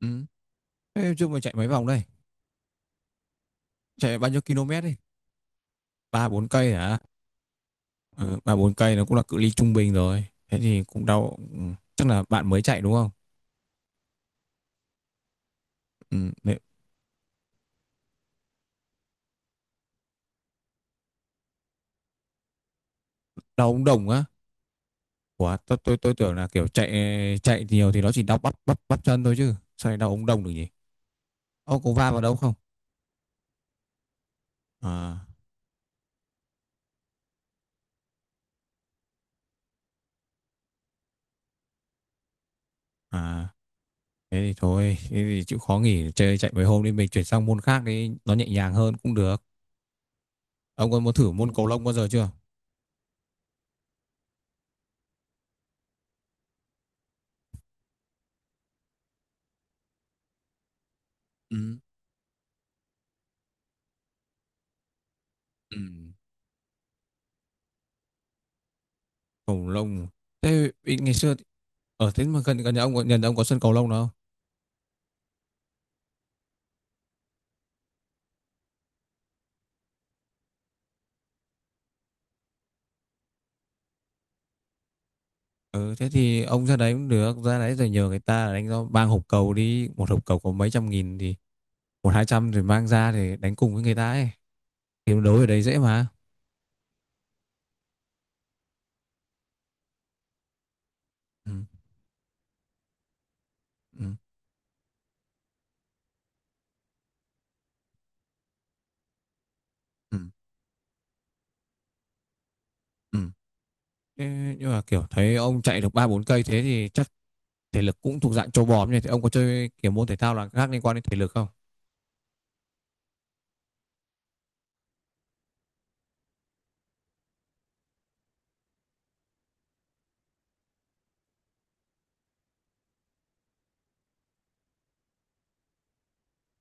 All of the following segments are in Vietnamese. Ừm, thế trước mày chạy mấy vòng đây? Chạy bao nhiêu km đi? Ba bốn cây hả? Ừ, ba bốn cây nó cũng là cự ly trung bình rồi. Thế thì cũng đau. Ừ, chắc là bạn mới chạy đúng không? Ừ, đấy, đau ống đồng á? Ủa, tôi tưởng là kiểu chạy chạy nhiều thì nó chỉ đau bắp bắp bắp chân thôi chứ. Sao lại đau ống đồng được nhỉ? Ô, có va vào đâu không? À, à, thế thì thôi. Thế thì chịu khó nghỉ chơi chạy mấy hôm đi. Mình chuyển sang môn khác đi. Nó nhẹ nhàng hơn cũng được. Ông có muốn thử môn cầu lông bao giờ chưa? Ừ. Ừ. Cầu lông Thế ngày xưa Ở thế mà gần gần nhà nhà ông có sân cầu lông nào? Ừ, thế thì ông ra đấy cũng được, ra đấy rồi nhờ người ta đánh cho, mang hộp cầu đi, một hộp cầu có mấy trăm nghìn thì một hai trăm rồi mang ra để đánh cùng với người ta ấy. Thì đấu ở đấy dễ mà. Ừ, ừ, ừ, ừ. Thế nhưng mà kiểu thấy ông chạy được ba bốn cây thế thì chắc thể lực cũng thuộc dạng trâu bò nhỉ? Thì ông có chơi kiểu môn thể thao là khác liên quan đến thể lực không?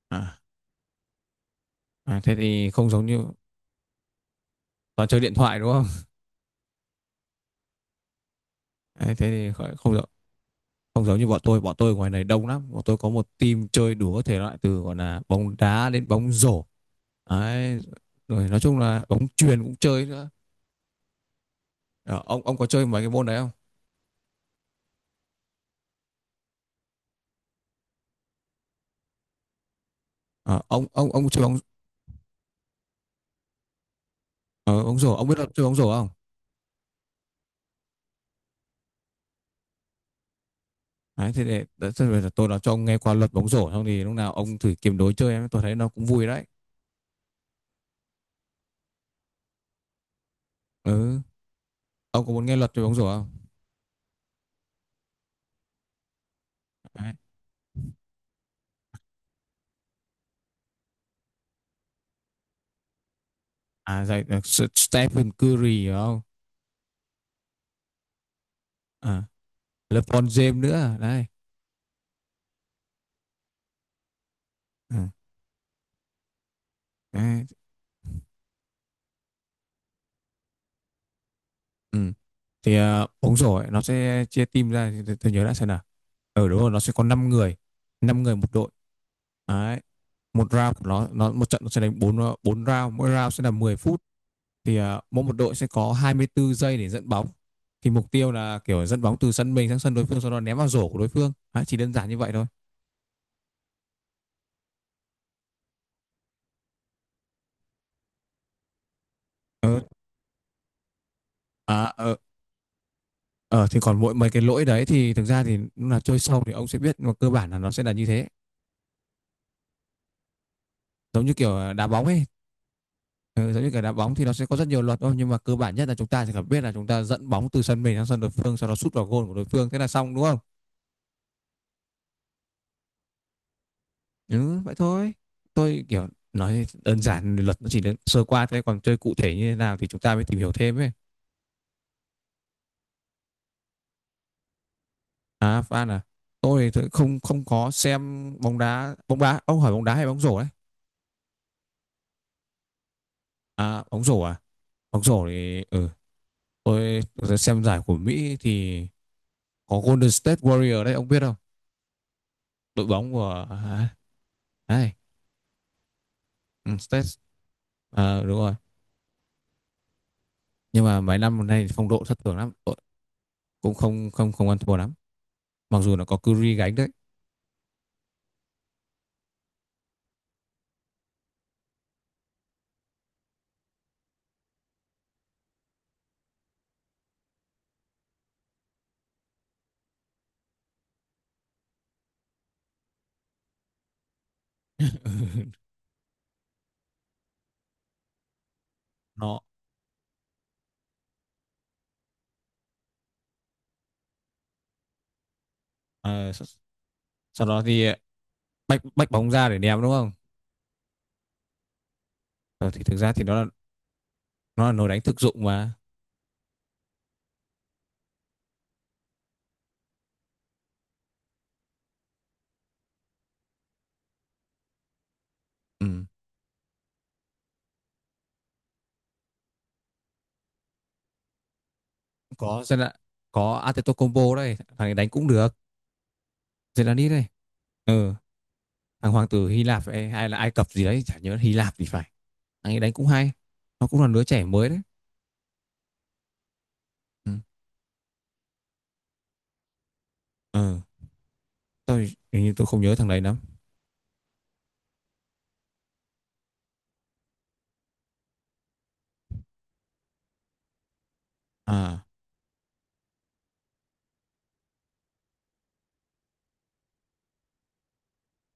À, à, thế thì không giống như toàn chơi điện thoại đúng không? Đấy, thế thì không được. Không giống như bọn tôi ngoài này đông lắm, bọn tôi có một team chơi đủ các thể loại từ gọi là bóng đá đến bóng rổ, đấy, rồi nói chung là bóng chuyền cũng chơi nữa. Ờ, ông có chơi mấy cái môn đấy không? Ờ, ông chơi bóng ờ, bóng rổ, ông biết là chơi bóng rổ không? Đấy, thế để đấy, thế bây giờ tôi nói cho ông nghe qua luật bóng rổ xong thì lúc nào ông thử kiếm đối chơi em, tôi thấy nó cũng vui đấy. Ừ, ông có muốn nghe luật về bóng rổ không? Đấy. À dạy, Stephen Curry hiểu không? À, LeBron James nữa đây. Ừ. Đấy. Ừ. Thì bóng rổ ấy, nó sẽ chia team ra thì tôi nhớ đã xem nào. Ở đúng rồi, nó sẽ có 5 người, 5 người một đội. Đấy. Một round của nó một trận nó sẽ đánh 4 round, mỗi round sẽ là 10 phút. Thì mỗi một đội sẽ có 24 giây để dẫn bóng. Thì mục tiêu là kiểu dẫn bóng từ sân mình sang sân đối phương sau đó ném vào rổ của đối phương. Đấy, chỉ đơn giản như vậy thôi. Ờ, à, ờ, ờ, thì còn mỗi mấy cái lỗi đấy thì thực ra thì lúc nào chơi sâu thì ông sẽ biết nhưng mà cơ bản là nó sẽ là như thế. Giống như kiểu đá bóng ấy. Ừ, giống như cái đá bóng thì nó sẽ có rất nhiều luật thôi nhưng mà cơ bản nhất là chúng ta sẽ cần biết là chúng ta dẫn bóng từ sân mình sang sân đối phương sau đó sút vào gôn của đối phương thế là xong đúng không? Ừ, vậy thôi, tôi kiểu nói đơn giản luật nó chỉ đến sơ qua thế còn chơi cụ thể như thế nào thì chúng ta mới tìm hiểu thêm ấy. À Phan à? Tôi thì tôi không không có xem bóng đá, bóng đá ông hỏi bóng đá hay bóng rổ đấy? À bóng rổ à? Bóng rổ thì ừ, tôi xem giải của Mỹ thì có Golden State Warrior đấy ông biết không? Đội bóng của à, đấy, ừ, State, à, đúng rồi. Nhưng mà mấy năm nay phong độ thất thường lắm, đội cũng không không không ăn thua lắm, mặc dù nó có Curry gánh đấy. Nó ờ, sau, sau đó thì bách bách bóng ra để ném đúng không? Ờ, thì thực ra thì nó là nồi đánh thực dụng mà. Ừ. có Zela- có Antetokounmpo đây, thằng ấy đánh cũng được. Zelani đây. Ừ. Thằng hoàng tử Hy Lạp hay, hay là Ai Cập gì đấy chả nhớ, Hy Lạp thì phải. Thằng ấy đánh cũng hay, nó cũng là đứa trẻ mới đấy. Ừ. Ừ. Tôi hình như tôi không nhớ thằng đấy lắm. À,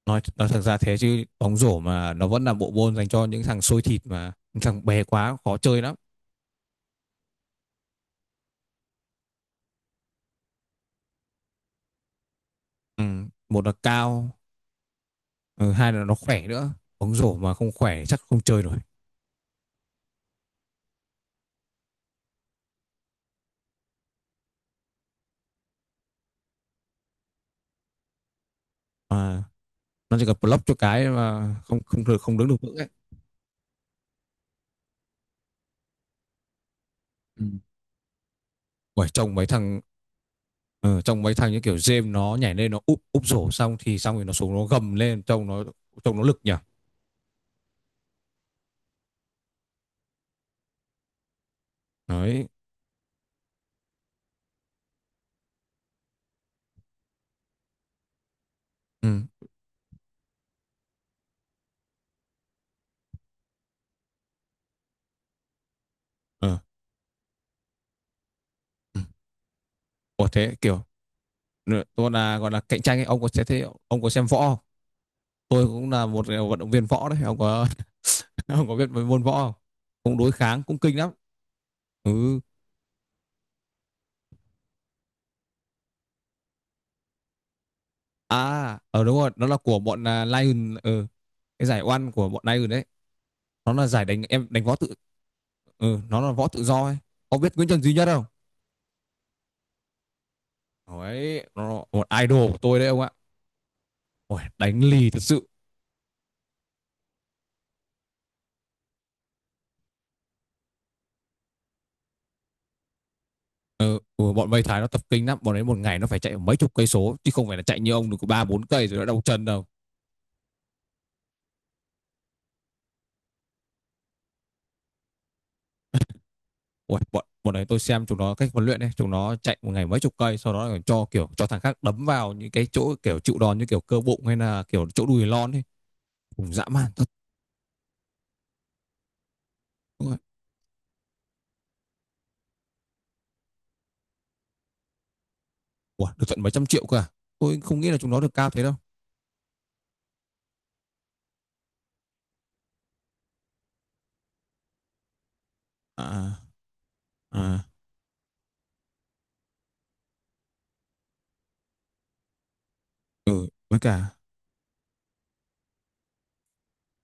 nói thật ra thế chứ bóng rổ mà nó vẫn là bộ môn dành cho những thằng xôi thịt, mà những thằng bé quá khó chơi lắm. Ừ. Một là cao, ừ, hai là nó khỏe nữa, bóng rổ mà không khỏe chắc không chơi nổi. Mà nó chỉ cần block cho cái mà không không được, không đứng được vững ấy. Ừ. Bởi trông mấy thằng ờ, trông mấy thằng như kiểu James nó nhảy lên nó úp úp rổ xong thì xong rồi nó xuống nó gầm lên trông nó lực nhỉ. Đấy. Ừ. Ờ. Ừ. Ủa thế kiểu, nữa, tôi là gọi là cạnh tranh ấy, ông có thế thế ông có xem võ không? Tôi cũng là một vận động viên võ đấy ông có ông có biết về môn võ không? Cũng đối kháng cũng kinh lắm. Ừ. À, ờ, đúng rồi, nó là của bọn Lion, ừ. Cái giải oan của bọn Lion đấy, nó là giải đánh em, đánh võ tự, ừ, nó là võ tự do ấy. Ông biết Nguyễn Trần Duy Nhất không? Đấy, nó là một idol của tôi đấy ông ạ. Ôi, đánh lì thật sự. Ừ, ừ, bọn Mây Thái nó tập kinh lắm, bọn ấy một ngày nó phải chạy mấy chục cây số chứ không phải là chạy như ông được có ba bốn cây rồi nó đau chân đâu. Ui, bọn bọn đấy tôi xem chúng nó cách huấn luyện ấy, chúng nó chạy một ngày mấy chục cây sau đó còn cho kiểu cho thằng khác đấm vào những cái chỗ kiểu chịu đòn như kiểu cơ bụng hay là kiểu chỗ đùi lon ấy. Cũng dã man thật. Ui, Ui, được tận mấy trăm triệu cả. Tôi không nghĩ là chúng nó được cao thế đâu. À, à, ừ, với cả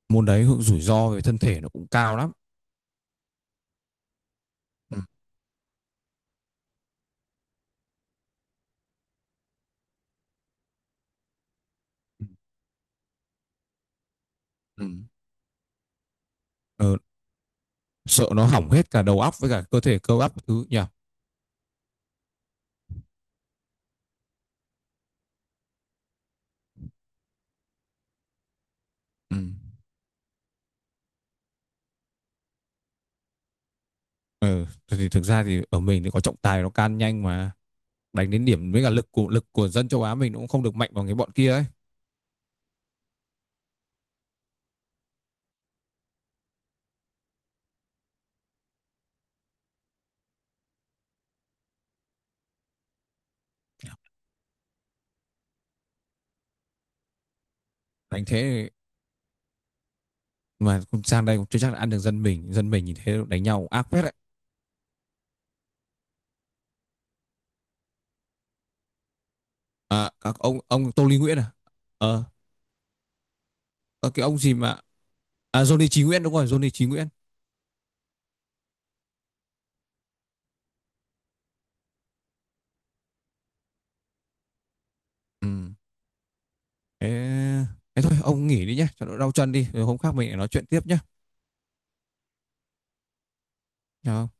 môn đấy hưởng rủi ro về thân thể nó cũng cao lắm. Ừ. Ừ. Ừ. Ờ, sợ nó hỏng hết cả đầu óc với cả cơ thể cơ bắp thứ nhỉ. Ừ. Ừ, thì thực ra thì ở mình thì có trọng tài nó can nhanh mà. Đánh đến điểm với cả lực của, lực của dân châu Á mình cũng không được mạnh bằng cái bọn kia ấy. Đánh thế mà sang đây cũng chưa chắc là ăn được dân mình, dân mình nhìn thế đánh nhau ác phết đấy. À, các ông Tô Lý Nguyễn à? Ờ. À, cái ông gì mà, à Johnny Chí Nguyễn đúng rồi, Johnny Chí Nguyễn. Ừ. Thế, thế thôi ông nghỉ đi nhé cho nó đau chân đi rồi hôm khác mình lại nói chuyện tiếp nhé. Chào.